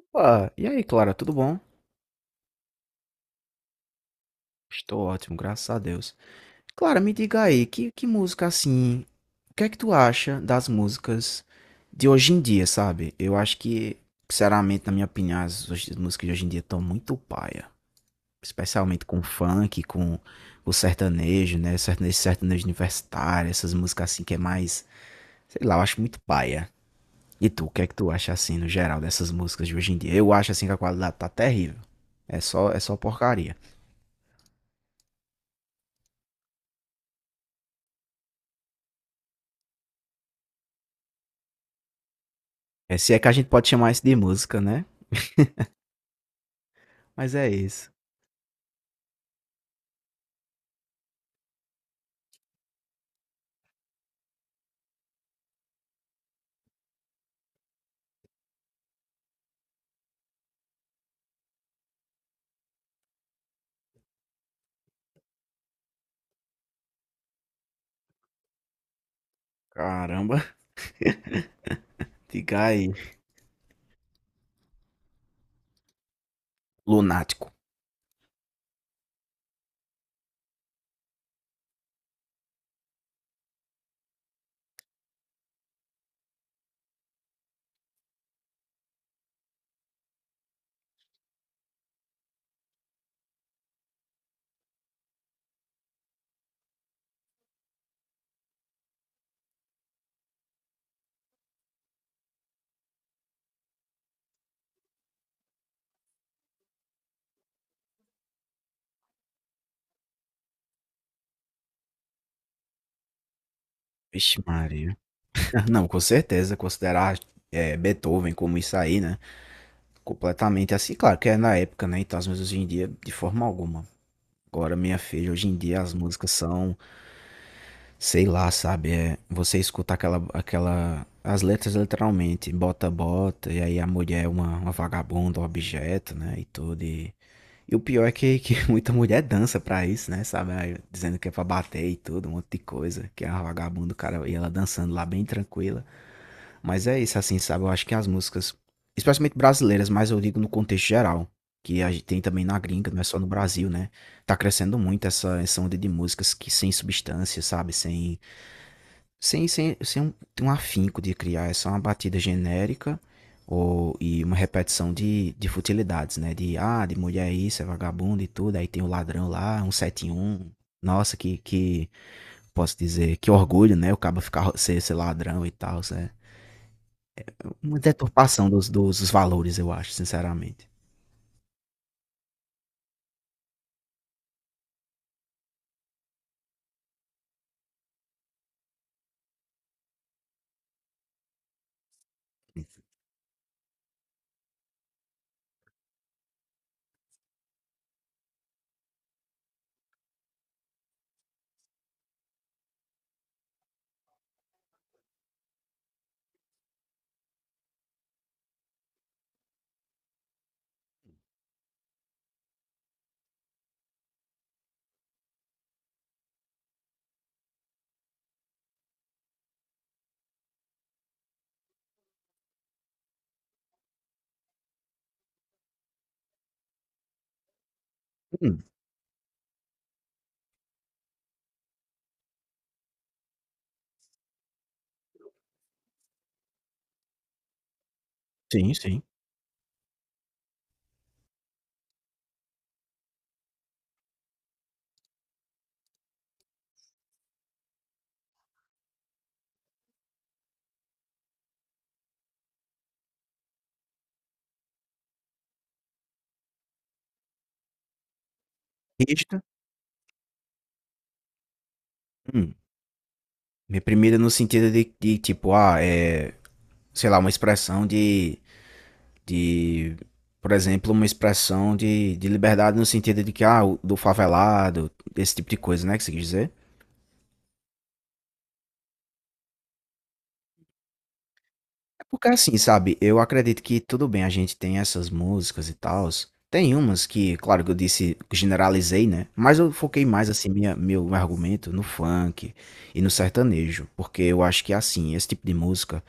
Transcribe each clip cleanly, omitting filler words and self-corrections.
Opa, e aí, Clara, tudo bom? Estou ótimo, graças a Deus. Clara, me diga aí, que música assim, o que é que tu acha das músicas de hoje em dia, sabe? Eu acho que, sinceramente, na minha opinião, as músicas de hoje em dia estão muito paia. Especialmente com o funk, com o sertanejo, né? Sertanejo, sertanejo universitário, essas músicas assim que é mais, sei lá, eu acho muito paia. E tu, o que é que tu acha assim, no geral, dessas músicas de hoje em dia? Eu acho assim que a qualidade tá terrível. É só porcaria. É, se é que a gente pode chamar isso de música, né? Mas é isso. Caramba, diga aí. Lunático. Vixe Maria. Ah, não, com certeza, considerar Beethoven como isso aí, né? Completamente assim, claro que é na época, né? Então as músicas hoje em dia, de forma alguma. Agora, minha filha, hoje em dia as músicas são, sei lá, sabe? É, você escuta aquela, as letras literalmente, bota, e aí a mulher é uma vagabunda, um objeto, né? E tudo, e o pior é que muita mulher dança pra isso, né? Sabe? Aí, dizendo que é pra bater e tudo, um monte de coisa. Que é uma vagabunda, cara. E ela dançando lá bem tranquila. Mas é isso, assim, sabe? Eu acho que as músicas, especialmente brasileiras, mas eu digo no contexto geral, que a gente tem também na gringa, não é só no Brasil, né? Tá crescendo muito essa onda de músicas que sem substância, sabe? Sem um, um afinco de criar, é só uma batida genérica ou, e uma repetição de futilidades, né? De, ah, de mulher é isso, é vagabundo e tudo, aí tem o ladrão lá, um sete um. Nossa, posso dizer, que orgulho, né? O cabo ficar, ser ladrão e tal, né? Uma deturpação dos valores, eu acho, sinceramente. Hum, sim, sim. Rígida. Hum. Reprimida no sentido de tipo, ah, é, sei lá, uma expressão de, por exemplo, uma expressão de liberdade no sentido de que, ah, o- do favelado, esse tipo de coisa, né, que você quis dizer? É porque assim, sabe, eu acredito que tudo bem, a gente tem essas músicas e tals. Tem umas que, claro que eu disse, generalizei, né? Mas eu foquei mais, assim, minha, meu argumento no funk e no sertanejo. Porque eu acho que, assim, esse tipo de música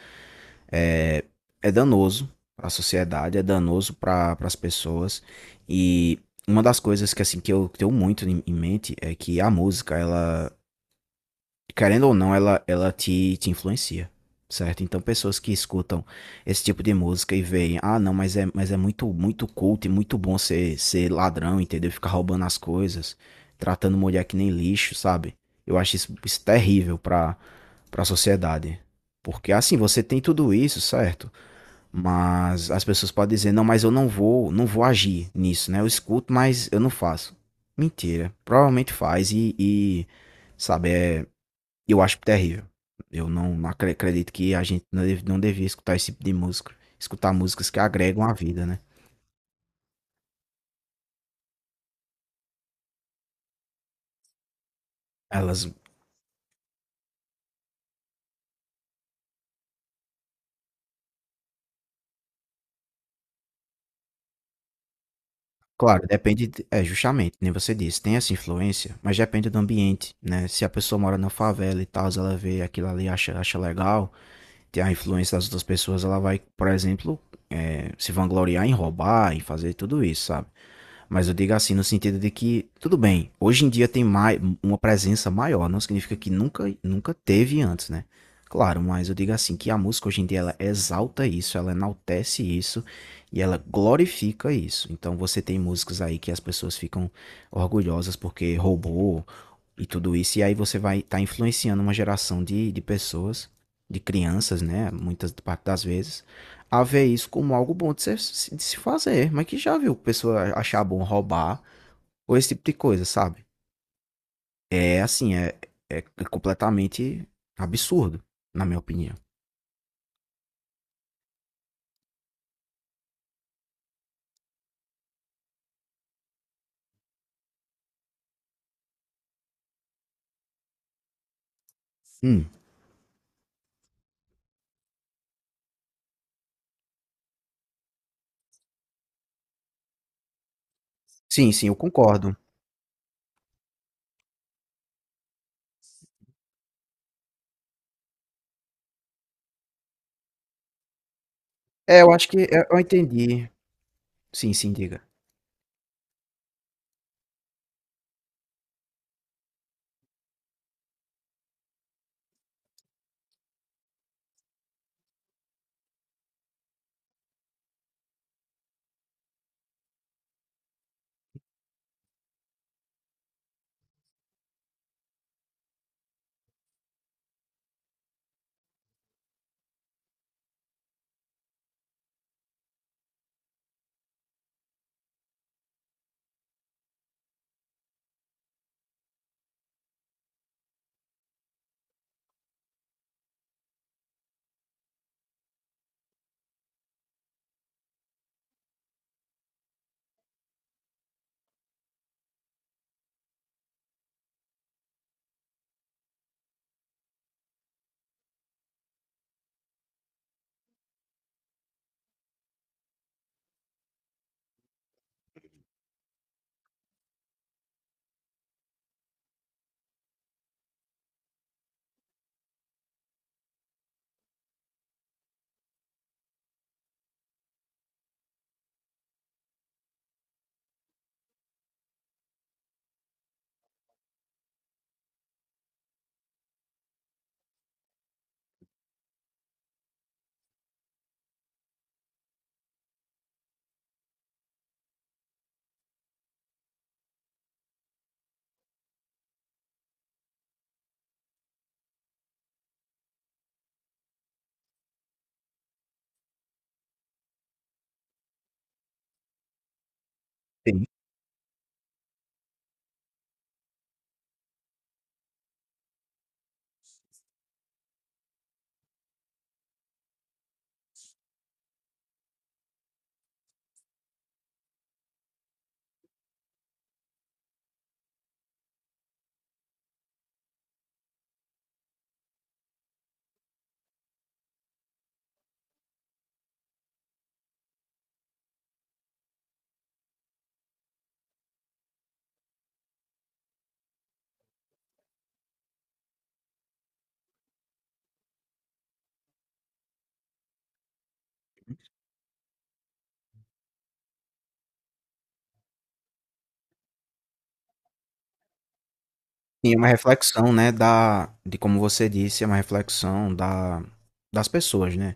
é, é danoso para a sociedade, é danoso para as pessoas. E uma das coisas que assim que eu tenho muito em mente é que a música, ela, querendo ou não, ela te, te influencia, certo? Então pessoas que escutam esse tipo de música e veem, ah, não, mas é muito culto e muito bom ser, ser ladrão, entendeu? Ficar roubando as coisas, tratando mulher que nem lixo, sabe? Eu acho isso terrível para para a sociedade. Porque assim, você tem tudo isso, certo? Mas as pessoas podem dizer, não, mas eu não vou agir nisso, né? Eu escuto, mas eu não faço. Mentira. Provavelmente faz e sabe, é, eu acho terrível. Eu não, não acredito que a gente não devia escutar esse tipo de música. Escutar músicas que agregam a vida, né? Elas, claro, depende, de- é justamente, nem você disse, tem essa influência, mas depende do ambiente, né? Se a pessoa mora na favela e tal, ela vê aquilo ali, acha legal, a influência das outras pessoas, ela vai, por exemplo, é, se vangloriar em roubar, em fazer tudo isso, sabe? Mas eu digo assim no sentido de que, tudo bem, hoje em dia tem mais, uma presença maior, não significa que nunca teve antes, né? Claro, mas eu digo assim que a música hoje em dia ela exalta isso, ela enaltece isso e ela glorifica isso. Então você tem músicas aí que as pessoas ficam orgulhosas porque roubou, e tudo isso. E aí você vai estar influenciando uma geração de pessoas, de crianças, né? Muitas parte das vezes, a ver isso como algo bom de se fazer. Mas que já viu pessoa achar bom roubar ou esse tipo de coisa, sabe? É assim, é, é completamente absurdo, na minha opinião. Hum, Sim, sim, eu concordo. É, eu acho que é, eu entendi. Sim, sim, diga. Sim. Sim, é uma reflexão, né, da, de como você disse, é uma reflexão da, das pessoas, né?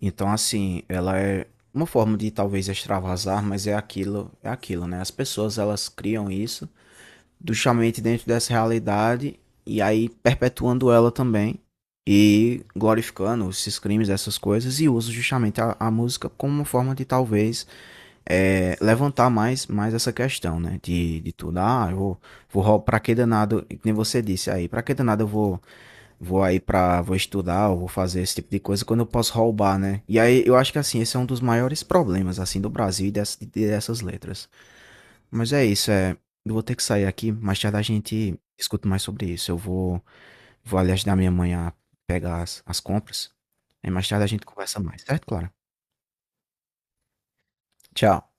Então, assim, ela é uma forma de talvez extravasar, mas é aquilo, né? As pessoas elas criam isso justamente dentro dessa realidade e aí perpetuando ela também e glorificando esses crimes, essas coisas e usa justamente a música como uma forma de talvez é, levantar mais, mais essa questão, né? De tudo, ah, eu vou, vou para que danado, que nem você disse aí, pra que danado eu vou aí pra, vou estudar, ou vou fazer esse tipo de coisa quando eu posso roubar, né? E aí eu acho que assim, esse é um dos maiores problemas, assim, do Brasil e dessas, dessas letras. Mas é isso, é. Eu vou ter que sair aqui, mais tarde a gente escuta mais sobre isso. Eu vou, vou ali ajudar minha mãe a pegar as, as compras. Aí mais tarde a gente conversa mais, certo, Clara? Tchau.